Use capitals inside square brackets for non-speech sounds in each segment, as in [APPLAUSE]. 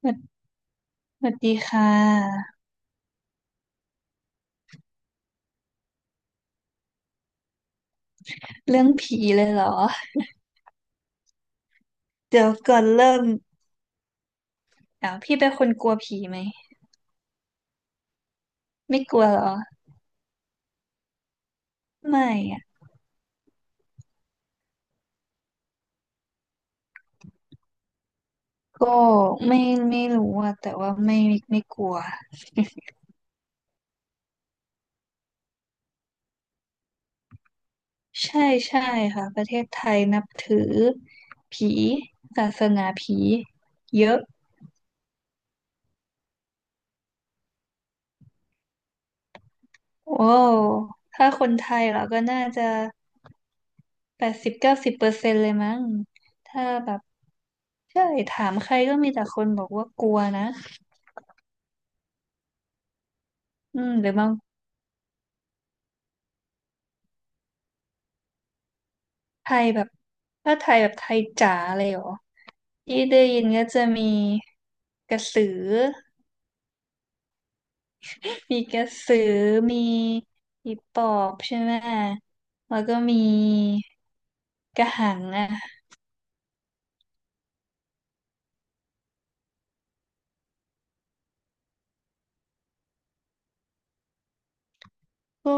สวัสสวัสดีค่ะเรื่องผีเลยเหรอเดี๋ยวก่อนเริ่มอ้าวพี่เป็นคนกลัวผีไหมไม่กลัวเหรอไม่อะก็ไม่ไม่รู้อะแต่ว่าไม่กลัว [LAUGHS] ใช่ใช่ค่ะประเทศไทยนับถือผีศาสนาผีเยอะโอ้ถ้าคนไทยเราก็น่าจะ80-90%เลยมั้งถ้าแบบใช่ถามใครก็มีแต่คนบอกว่ากลัวนะหรือบาง ไทยแบบถ้าไทยแบบไทยจ๋าเลยเหรอที่ได้ยินก็จะมีกระสือ มีกระสือ มีผีปอบใช่ไหม แล้วก็มีกระหังอ่ะก็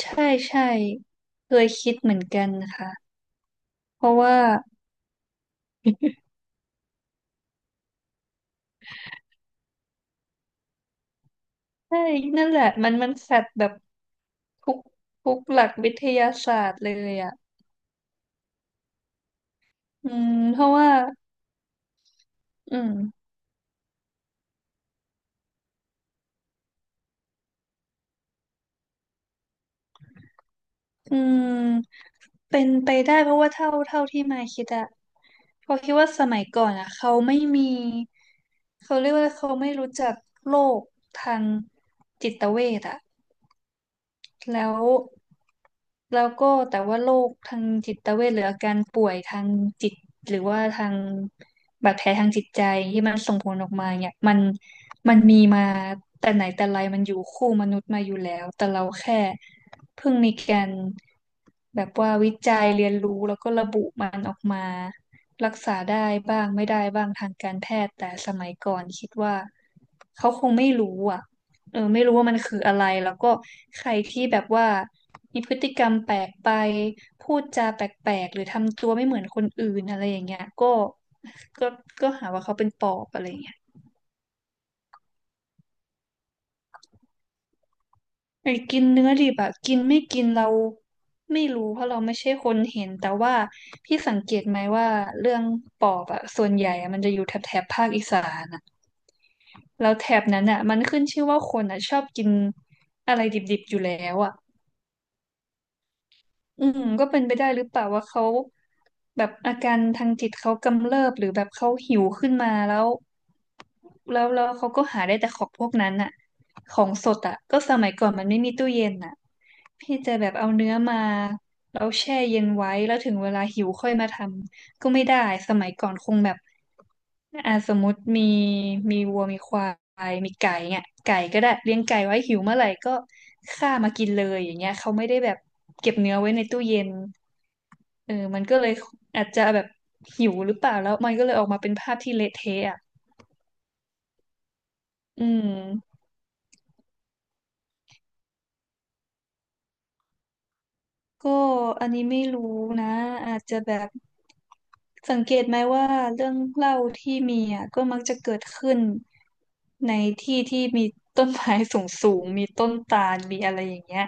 ใช่ใช่เคยคิดเหมือนกันนะคะเพราะว่าใช่นั่นแหละมันแฟดแบบทุกทุกหลักวิทยาศาสตร์เลยอ่ะเพราะว่าอืม อืมเป็นไปได้เพราะว่าเท่าที่มายคิดอะเพราะคิดว่าสมัยก่อนอะเขาไม่มีเขาเรียกว่าเขาไม่รู้จักโรคทางจิตเวชอะ แล้วแล้วก็แต่ว่าโรคทางจิตเวชหรืออาการป่วยทางจิตหรือว่าทางบาดแผลทางจิตใจที่มันส่งผลออกมาเนี่ยมันมีมาแต่ไหนแต่ไรมันอยู่คู่มนุษย์มาอยู่แล้วแต่เราแค่เพิ่งมีการแบบว่าวิจัยเรียนรู้แล้วก็ระบุมันออกมารักษาได้บ้างไม่ได้บ้างทางการแพทย์แต่สมัยก่อนคิดว่าเขาคงไม่รู้อ่ะ เออไม่รู้ว่ามันคืออะไรแล้วก็ใครที่แบบว่ามีพฤติกรรมแปลกไปพูดจาแปลกๆหรือทำตัวไม่เหมือนคนอื่นอะไรอย่างเงี้ยก็ก็ก็หาว่าเขาเป็นปอบอะไรอย่างเงี้ยไอ้กินเนื้อดิบอะกินไม่กินเราไม่รู้เพราะเราไม่ใช่คนเห็นแต่ว่าพี่สังเกตไหมว่าเรื่องปอบอะส่วนใหญ่อะมันจะอยู่แถบภาคอีสานอะแล้วแถบนั้นอะมันขึ้นชื่อว่าคนอะชอบกินอะไรดิบๆอยู่แล้วอะ ก็เป็นไปได้หรือเปล่าว่าเขาแบบอาการทางจิตเขากำเริบหรือแบบเขาหิวขึ้นมาแล้วแล้วเขาก็หาได้แต่ของพวกนั้นอะของสดอะก็สมัยก่อนมันไม่มีตู้เย็นอะพี่จะแบบเอาเนื้อมาแล้วแช่เย็นไว้แล้วถึงเวลาหิวค่อยมาทำ ก็ไม่ได้สมัยก่อนคงแบบอ่าสมมติมีวัวมีควายมีไก่เนี่ยไก่ก็ได้เลี้ยงไก่ไว้หิวเมื่อไหร่ก็ฆ่ามากินเลยอย่างเงี้ยเขาไม่ได้แบบเก็บเนื้อไว้ในตู้เย็นเออมันก็เลยอาจจะแบบหิวหรือเปล่าแล้วมันก็เลยออกมาเป็นภาพที่เละเทะอ่ะอืมก็อันนี้ไม่รู้นะอาจจะแบบ สังเกตไหมว่าเรื่องเล่าที่มีอ่ะก็มักจะเกิดขึ้นในที่ที่มีต้นไม้สูงสูงมีต้นตาลมีอะไรอย่างเงี้ย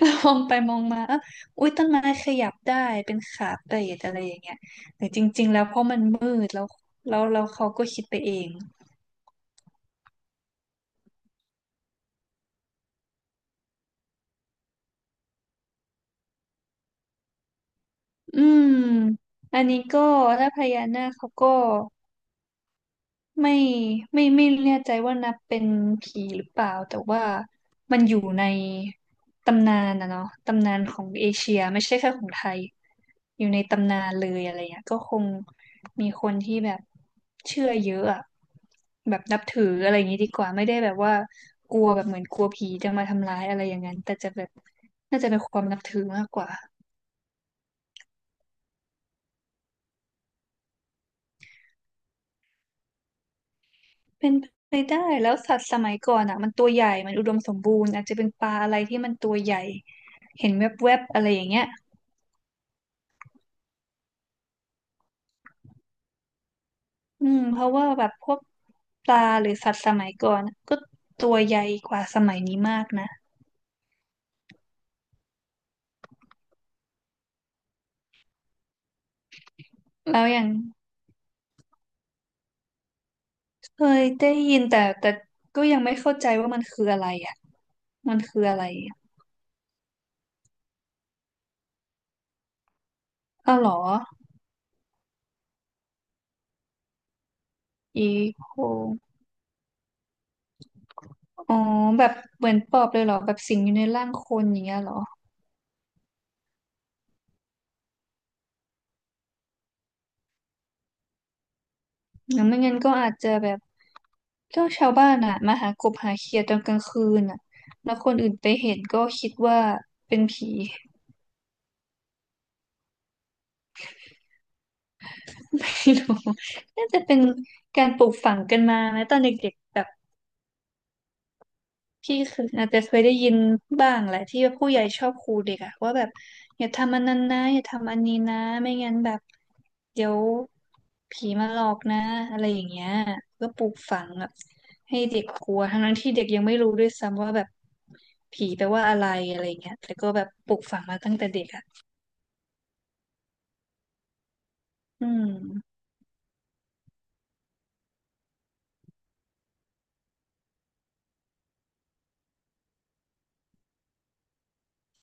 แล้วมองไปมองมาเอ้าอุ๊ยต้นไม้ขยับได้เป็นขาเปรอะไรอย่างเงี้ยแต่จริงๆแล้วเพราะมันมืดแล้วแล้วเขาก็คิดไปเองอืมอันนี้ก็ถ้าพญานาคเขาก็ ไม่ไม่ไม่แน่ใจว่านับเป็นผีหรือเปล่าแต่ว่ามันอยู่ในตำนานนะเนาะตำนานของเอเชียไม่ใช่แค่ของไทยอยู่ในตำนานเลยอะไรเงี้ยก็คงมีคนที่แบบเชื่อเยอะอะแบบนับถืออะไรอย่างงี้ดีกว่าไม่ได้แบบว่ากลัวแบบเหมือนกลัวผีจะมาทำร้ายอะไรอย่างนั้นแต่จะแบบน่าจะเป็นความนับถือมากกว่า เป็นไปได้แล้วสัตว์สมัยก่อนอ่ะมันตัวใหญ่มันอุดมสมบูรณ์อาจจะเป็นปลาอะไรที่มันตัวใหญ่เห็นแวบๆอะไรอย่างเงี้ยเพราะว่าแบบพวกปลาหรือสัตว์สมัยก่อนอะก็ตัวใหญ่กว่าสมัยนี้มากนะแล้วอย่างเคยได้ยินแต่ก็ยังไม่เข้าใจว่ามันคืออะไรอ่ะมันคืออะไรอ้าวเหรออีโคอ๋อแบบเหมือนปอบเลยเหรอแบบสิงอยู่ในร่างคนอย่างเงี้ยเหรองั้นไม่งั้นก็อาจจะแบบ เ็าชาวบ้านอ่ะมาหากบหาเขียดตอนกลางคืนอ่ะแล้วคนอื่นไปเห็นก็คิดว่าเป็นผี [LAUGHS] ไม่รู้น่าจะเป็นการปลูกฝังกันมานะตอนเด็กๆแบบ พี่เคยอาจจะเคยได้ยินบ้างแหละที่ว่าผู้ใหญ่ชอบขู่เด็กอะว่าแบบอย่าทำอันนั้นนะอย่าทำอันนี้นะไม่งั้นแบบเดี๋ยวผีมาหลอกนะอะไรอย่างเงี้ยก็ปลูกฝังแบบให้เด็กกลัวทั้งๆที่เด็กยังไม่รู้ด้วยซ้ำว่าแบบผีแปลว่าอะไรอะไรอย่างเงี้ยแต่ก็แบบปลูกฝังมาตั้งแต่เด็กอะอืม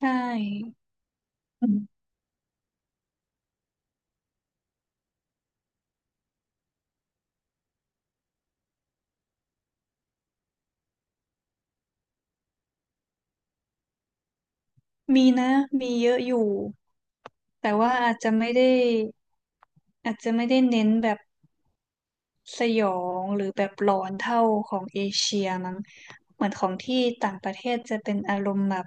ใช่อืมมีนะมีเยอะอยู่แต่ว่าอาจจะไม่ได้อาจจะไม่ได้เน้นแบบ สยองหรือแบบหลอนเท่าของเอเชียมั้งเหมือนของที่ต่างประเทศจะเป็นอารมณ์แบบ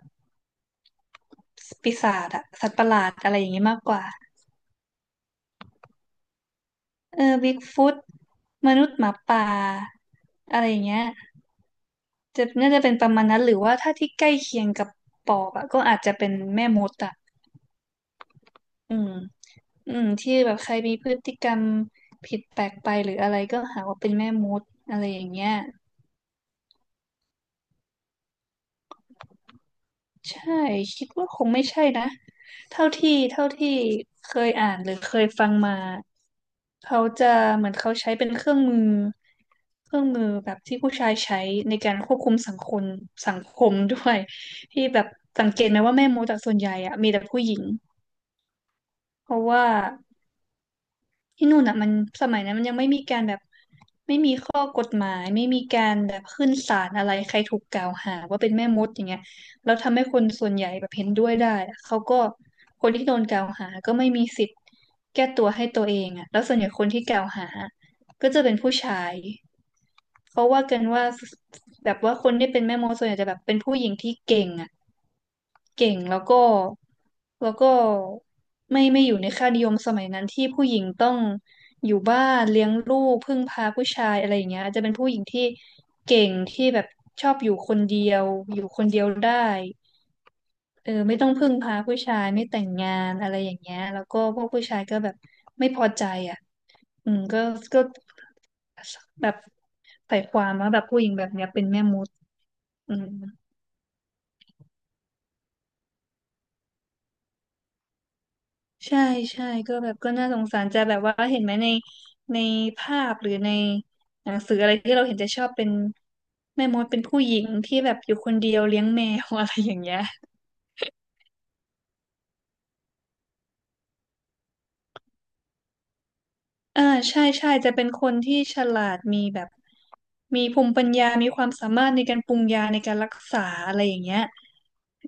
ปีศาจอะสัตว์ประหลาดอะไรอย่างงี้มากกว่าเออบิ๊กฟุตมนุษย์หมาป่าอะไรอย่างเงี้ยจะน่าจะเป็นประมาณนั้นหรือว่าถ้าที่ใกล้เคียงกับปอบอะก็อาจจะเป็นแม่มดอะอืมอืมที่แบบใครมีพฤติกรรมผิดแปลกไปหรืออะไรก็หาว่าเป็นแม่มดอะไรอย่างเงี้ย ใช่คิดว่าคงไม่ใช่นะเท่าที่เคยอ่านหรือเคยฟังมาเขาจะเหมือนเขาใช้เป็นเครื่องมือเครื่องมือแบบที่ผู้ชายใช้ในการควบคุมสังคมสังคมด้วยที่แบบสังเกตไหมว่าแม่มดจากส่วนใหญ่อะมีแต่ผู้หญิงเพราะว่า ที่นู่นอ่ะมันสมัยนั้นมันยังไม่มีการแบบไม่มีข้อกฎหมายไม่มีการแบบขึ้นศาลอะไรใครถูกกล่าวหาว่าเป็นแม่มดอย่างเงี้ยแล้วทำให้คนส่วนใหญ่แบบเห็นด้วยได้อะเขาก็คนที่โดนกล่าวหาก็ไม่มีสิทธิ์แก้ตัวให้ตัวเองอ่ะแล้วส่วนใหญ่คนที่กล่าวหาก็จะเป็นผู้ชายเขาว่ากันว่าแบบว่าคนที่เป็นแม่มดส่วนใหญ่จะแบบเป็นผู้หญิงที่เก่งอ่ะ เก่งแล้วก็ไม่อยู่ในค่านิยมสมัยนั้นที่ผู้หญิงต้องอยู่บ้านเลี้ยงลูกพึ่งพาผู้ชายอะไรอย่างเงี้ยอาจจะเป็นผู้หญิงที่เก่งที่แบบชอบอยู่คนเดียวอยู่คนเดียวได้เออไม่ต้องพึ่งพาผู้ชายไม่แต่งงานอะไรอย่างเงี้ยแล้วก็พวกผู้ชายก็แบบไม่พอใจอ่ะอืมก็แบบใส่ความว่าแบบผู้หญิงแบบเนี้ยเป็นแม่มดอืม ใช่ใช่ก็แบบก็น่าสงสารจะแบบว่าเห็นไหมในในภาพหรือในหนังสืออะไรที่เราเห็นจะชอบเป็นแม่มดเป็นผู้หญิงที่แบบอยู่คนเดียวเลี้ยงแมว [LAUGHS] อะไรอย่างเงี้ย อ่าใช่ใช่จะเป็นคนที่ฉลาดมีแบบมีภูมิปัญญามีความสามารถในการปรุงยาในการรักษาอะไรอย่างเงี้ย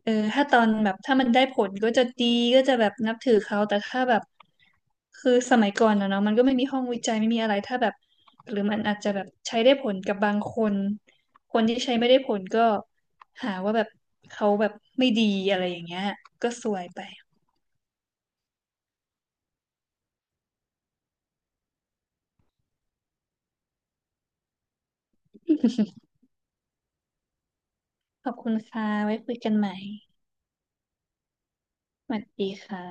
เออถ้าตอนแบบถ้ามันได้ผลก็จะดีก็จะแบบนับถือเขาแต่ถ้าแบบคือสมัยก่อนอะเนาะมันก็ไม่มีห้องวิจัยไม่มีอะไรถ้าแบบหรือมันอาจจะแบบใช้ได้ผลกับบางคนคนที่ใช้ไม่ได้ผลก็หาว่าแบบเขาแบบไม่ดีอะไรอย่างเงี้ยก็ซวยไปขอบคุณค่ะไว้คุยกันใหม่สวัสดีค่ะ